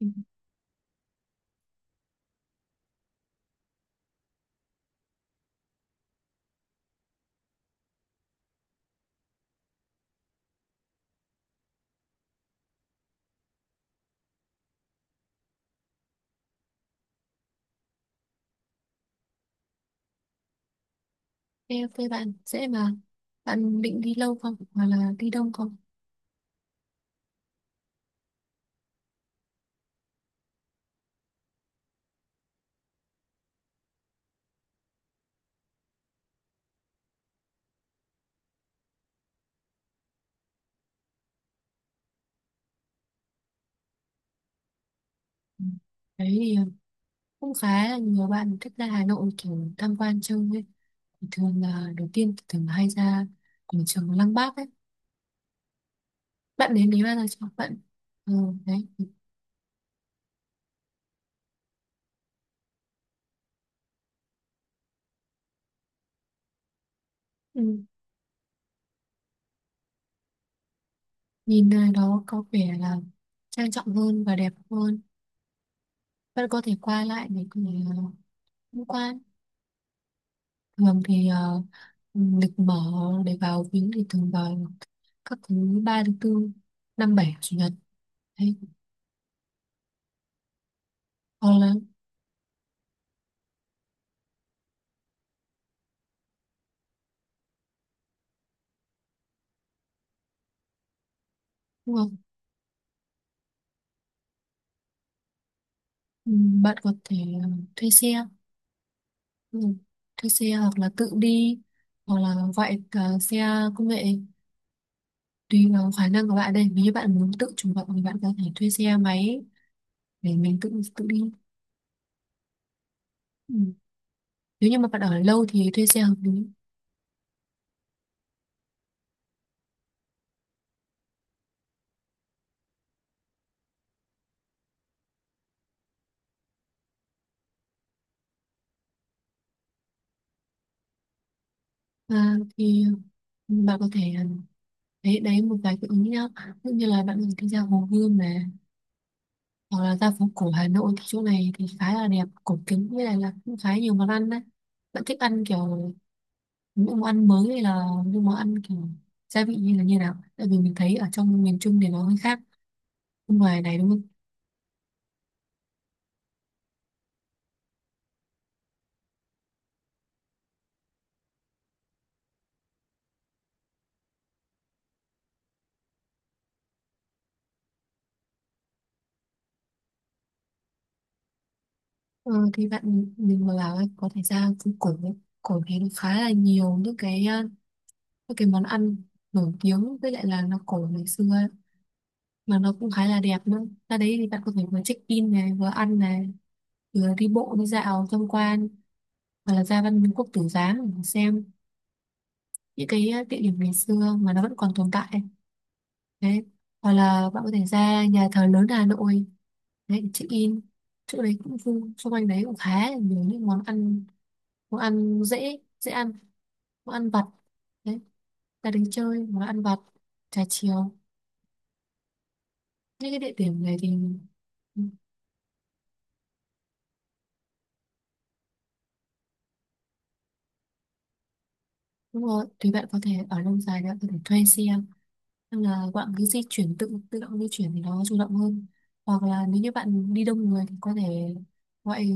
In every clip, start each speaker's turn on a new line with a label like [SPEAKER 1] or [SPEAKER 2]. [SPEAKER 1] Ừ. Ok, ok, bạn dễ mà. Bạn định đi lâu không hoặc là đi đông không? Ừ, đấy thì cũng khá là nhiều bạn thích ra Hà Nội kiểu tham quan chơi ấy. Thì thường là đầu tiên thì thường hay ra quảng trường Lăng Bác ấy. Bạn đến đấy bao giờ chưa bạn? Ừ, đấy. Ừ, nhìn nơi đó có vẻ là trang trọng hơn và đẹp hơn. Bạn có thể qua lại để có thể uh, tham quan. Thường thì lịch mở để vào viếng thì thường vào các thứ ba, thứ tư, năm, bảy, chủ nhật, hay hoặc là, đúng không? Ừ, bạn có thể ờ, thuê xe ừ, thuê xe hoặc là tự đi hoặc là gọi xe công nghệ, tùy vào khả năng của bạn đây. Nếu như bạn muốn tự chủ động thì bạn có thể thuê xe máy để mình tự tự đi. Ừ, nếu như mà bạn ở lâu thì thuê xe hợp lý. À, thì bạn có thể đấy đấy một vài cái ý nhá. Ví như là bạn mình đi ra Hồ Gươm này, hoặc là ra phố cổ Hà Nội thì chỗ này thì khá là đẹp cổ kính, với lại là cũng khá nhiều món ăn đấy. Bạn thích ăn kiểu những món ăn mới hay là những món ăn kiểu gia vị như là như nào, tại vì mình thấy ở trong miền Trung thì nó hơi khác bên ngoài này, đúng không? Ờ, thì bạn mình mà bảo ấy, có thể ra phố cổ ấy. Cổ thì nó khá là nhiều những cái món ăn nổi tiếng, với lại là nó cổ ngày xưa ấy, mà nó cũng khá là đẹp nữa. Ra đấy thì bạn có thể vừa check in này, vừa ăn này, vừa đi bộ đi dạo tham quan, hoặc là ra Văn Miếu Quốc Tử Giám để xem những cái địa điểm ngày xưa mà nó vẫn còn tồn tại đấy. Hoặc là bạn có thể ra nhà thờ lớn Hà Nội đấy để check in, chỗ đấy cũng vui, xung quanh đấy cũng khá là nhiều những món ăn, món ăn dễ dễ ăn, món ăn vặt đấy, ra đến chơi món ăn vặt, trà chiều. Những cái địa điểm này thì ừ, đúng rồi, thì bạn có thể ở lâu dài, bạn có thể thuê xe. Nên là bạn cứ di chuyển, tự tự động di chuyển thì nó chủ động hơn. Hoặc là nếu như bạn đi đông người thì có thể gọi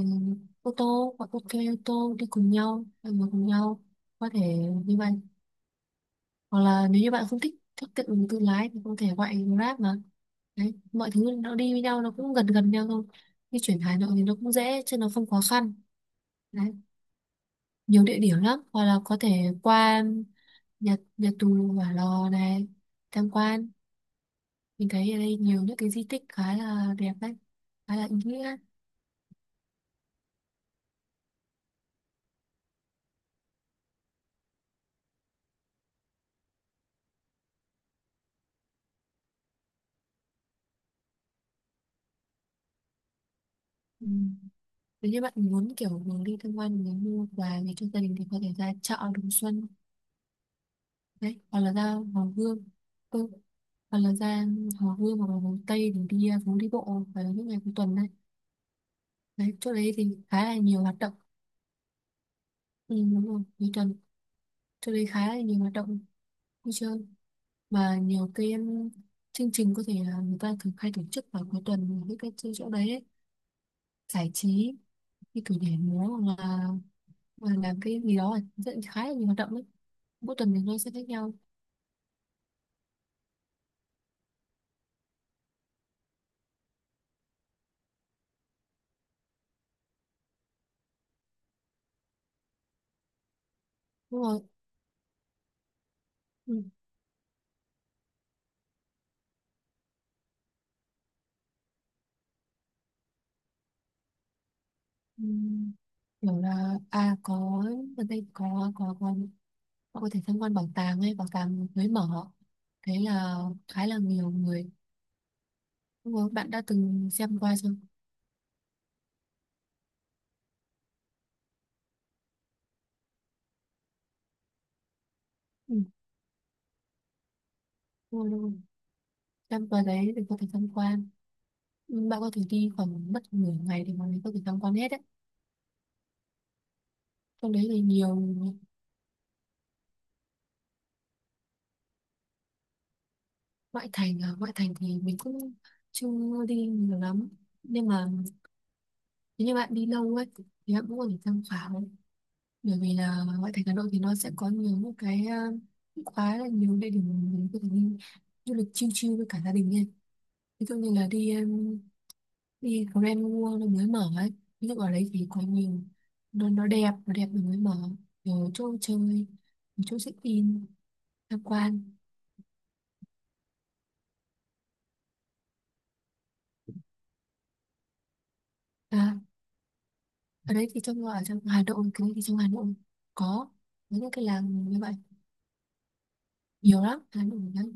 [SPEAKER 1] ô tô, hoặc ok, ô tô đi cùng nhau, mọi người cùng nhau có thể như vậy. Hoặc là nếu như bạn không thích thích tự tự lái thì có thể gọi Grab mà. Đấy, mọi thứ nó đi với nhau, nó cũng gần gần nhau thôi, di chuyển Hà Nội thì nó cũng dễ chứ nó không khó khăn. Đấy, nhiều địa điểm lắm, hoặc là có thể qua nhật nhật tù Hỏa Lò này tham quan, mình thấy ở đây nhiều những cái di tích khá là đẹp đấy, khá là ý nghĩa. Ừ. Nếu như bạn muốn kiểu mình đi tham quan, mình mua quà về cho gia đình thì có thể ra chợ Đồng Xuân đấy, hoặc là ra Hồ Gươm. Ừ, hoặc là ra Hồ Gươm hoặc là Hồ Tây để đi phố đi bộ vào những ngày cuối tuần này, đấy chỗ đấy thì khá là nhiều hoạt động. Ừ, đúng rồi, cuối tuần chỗ đấy khá là nhiều hoạt động vui chơi, mà nhiều cái chương trình có thể là người ta thường hay tổ chức vào cuối tuần, với các chỗ chỗ đấy ấy, giải trí như kiểu nhảy múa, hoặc là làm cái gì đó, rất khá là nhiều hoạt động đấy, mỗi tuần thì nó sẽ khác nhau. Đúng rồi. Ừ. Ừ, kiểu là có, ở đây có họ có thể tham quan bảo tàng hay bảo tàng mới mở, thế là khá là nhiều người. Đúng rồi, bạn đã từng xem qua chưa? Ừ, đúng rồi, đúng rồi. Xem qua đấy thì có thể tham quan, bạn có thể đi khoảng mất nửa ngày để mà mình có thể tham quan hết đấy, trong đấy thì nhiều. Ngoại thành à, ngoại thành thì mình cũng chưa đi nhiều lắm, nhưng mà nếu như bạn đi lâu ấy thì bạn cũng có thể tham khảo, bởi vì là ngoại thành Hà Nội thì nó sẽ có nhiều những cái khá là nhiều địa điểm mình có thể đi du lịch chill chill với cả gia đình nha. Ví dụ như là đi Grand World nó mới mở ấy, ví dụ ở đấy thì có nhiều, nó đẹp, nó đẹp, nó mới mở rồi, chỗ chơi, chỗ check in tham quan. À, ở đấy thì ở trong Hà Nội, cái đấy thì trong Hà Nội có những cái làng như vậy nhiều lắm, Hà Nội làng,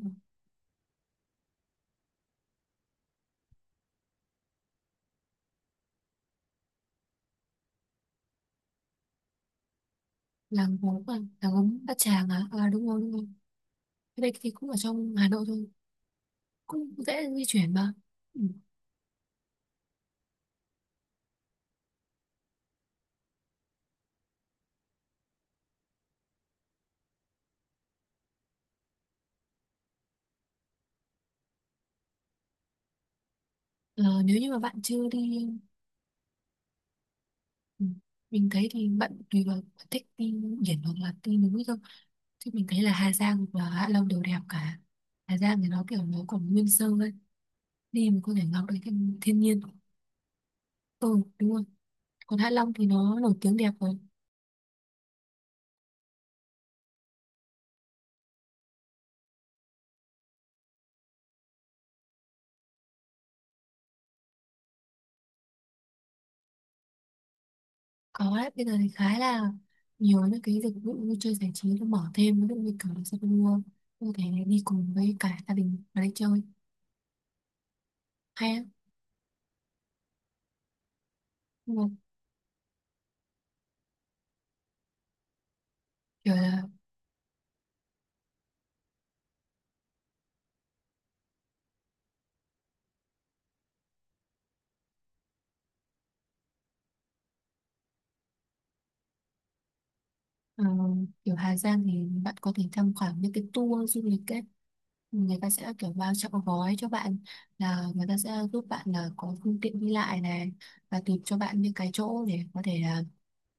[SPEAKER 1] làng gốm à, làng gốm Bát Tràng à, à đúng rồi, đúng rồi. Cái đây thì cũng ở trong Hà Nội thôi, cũng dễ di chuyển mà. Ừ. Ờ, Nếu như mà bạn chưa đi, ừ, mình thấy thì bạn tùy vào bạn thích đi biển hoặc là đi núi thôi, chứ mình thấy là Hà Giang và Hạ Long đều đẹp cả. Hà Giang thì nó kiểu nó còn nguyên sơ ấy, đi mình có thể ngắm được thiên nhiên. Ừ, đúng rồi, còn Hạ Long thì nó nổi tiếng đẹp rồi. Có đấy, bây giờ thì khá là nhiều những cái dịch vụ vui chơi giải trí nó mở thêm, ví dụ như kiểu là xe mua có thể đi cùng với cả gia đình mà đi chơi hay á. Nhưng mà kiểu là, Ờ, kiểu Hà Giang thì bạn có thể tham khảo những cái tour du lịch ấy, người ta sẽ kiểu bao trọn gói cho bạn, là người ta sẽ giúp bạn là có phương tiện đi lại này, và tìm cho bạn những cái chỗ để có thể là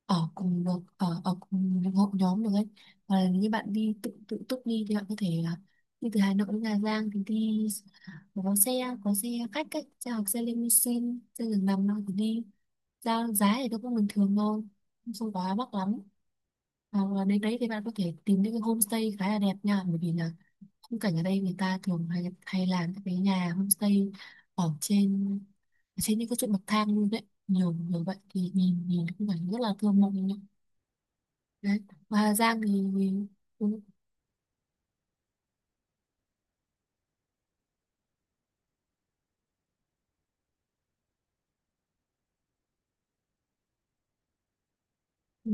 [SPEAKER 1] ở cùng được, ở ở cùng những hội nhóm được ấy. Hoặc là như bạn đi tự tự túc đi thì bạn có thể là đi từ Hà Nội đến Hà Giang thì đi có xe có xe khách ấy, xe, hoặc xe limousine, xe giường nằm đâu thì đi. Ra giá thì nó cũng bình thường thôi, không quá mắc lắm. Ờ, đến đấy thì bạn có thể tìm những cái homestay khá là đẹp nha, bởi vì là khung cảnh ở đây người ta thường hay hay làm các cái nhà homestay ở trên ở trên những cái chỗ bậc thang luôn đấy, nhiều nhiều vậy thì nhìn nhìn khung cảnh rất là thơ mộng nhá. Đấy, và Hà Giang thì, thì cũng, ừ,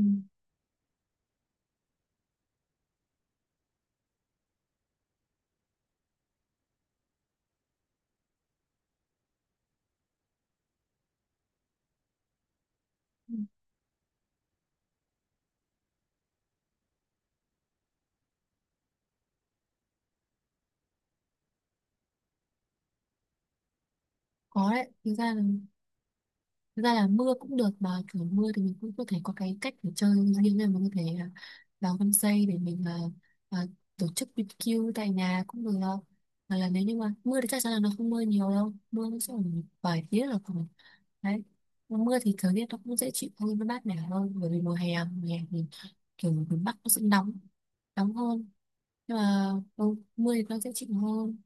[SPEAKER 1] cũng có đấy, thực ra là mưa cũng được, mà kiểu mưa thì mình cũng có thể có cái cách để chơi riêng, là mình có thể vào home stay để mình à, tổ chức BBQ tại nhà cũng được đâu. Hoặc là nếu như mà mưa thì chắc chắn là nó không mưa nhiều đâu, mưa nó sẽ ở một vài tiếng là còn đấy. Mưa thì thời tiết nó cũng dễ chịu hơn, nó mát mẻ hơn, bởi vì mùa hè thì kiểu miền Bắc nó sẽ nóng nóng hơn, nhưng mà mưa thì nó dễ chịu hơn.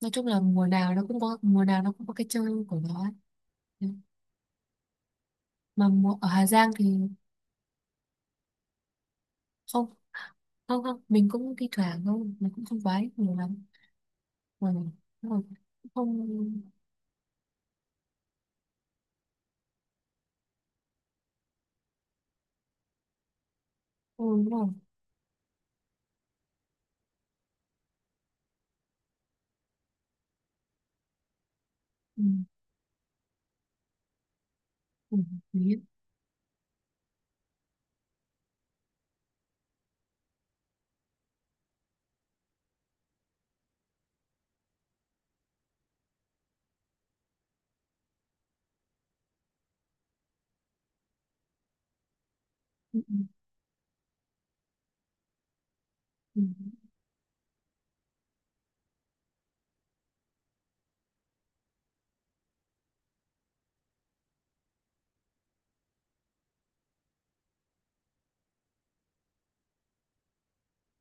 [SPEAKER 1] Nói chung là mùa nào nó cũng có mùa nào nó cũng có cái chơi của nó ấy. Mà ở Hà Giang thì không, không, không, mình cũng thi thoảng thôi, mình cũng không quá nhiều lắm. Ừ, đúng rồi, cũng không. Ừ, đúng rồi. Ừ. Ừ, hợp lý. Ừ. Ừ. Ừ.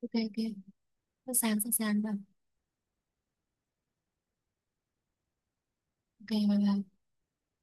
[SPEAKER 1] Ok, ok, sẵn sàng, sẵn sàng rồi. Ok, bye bye.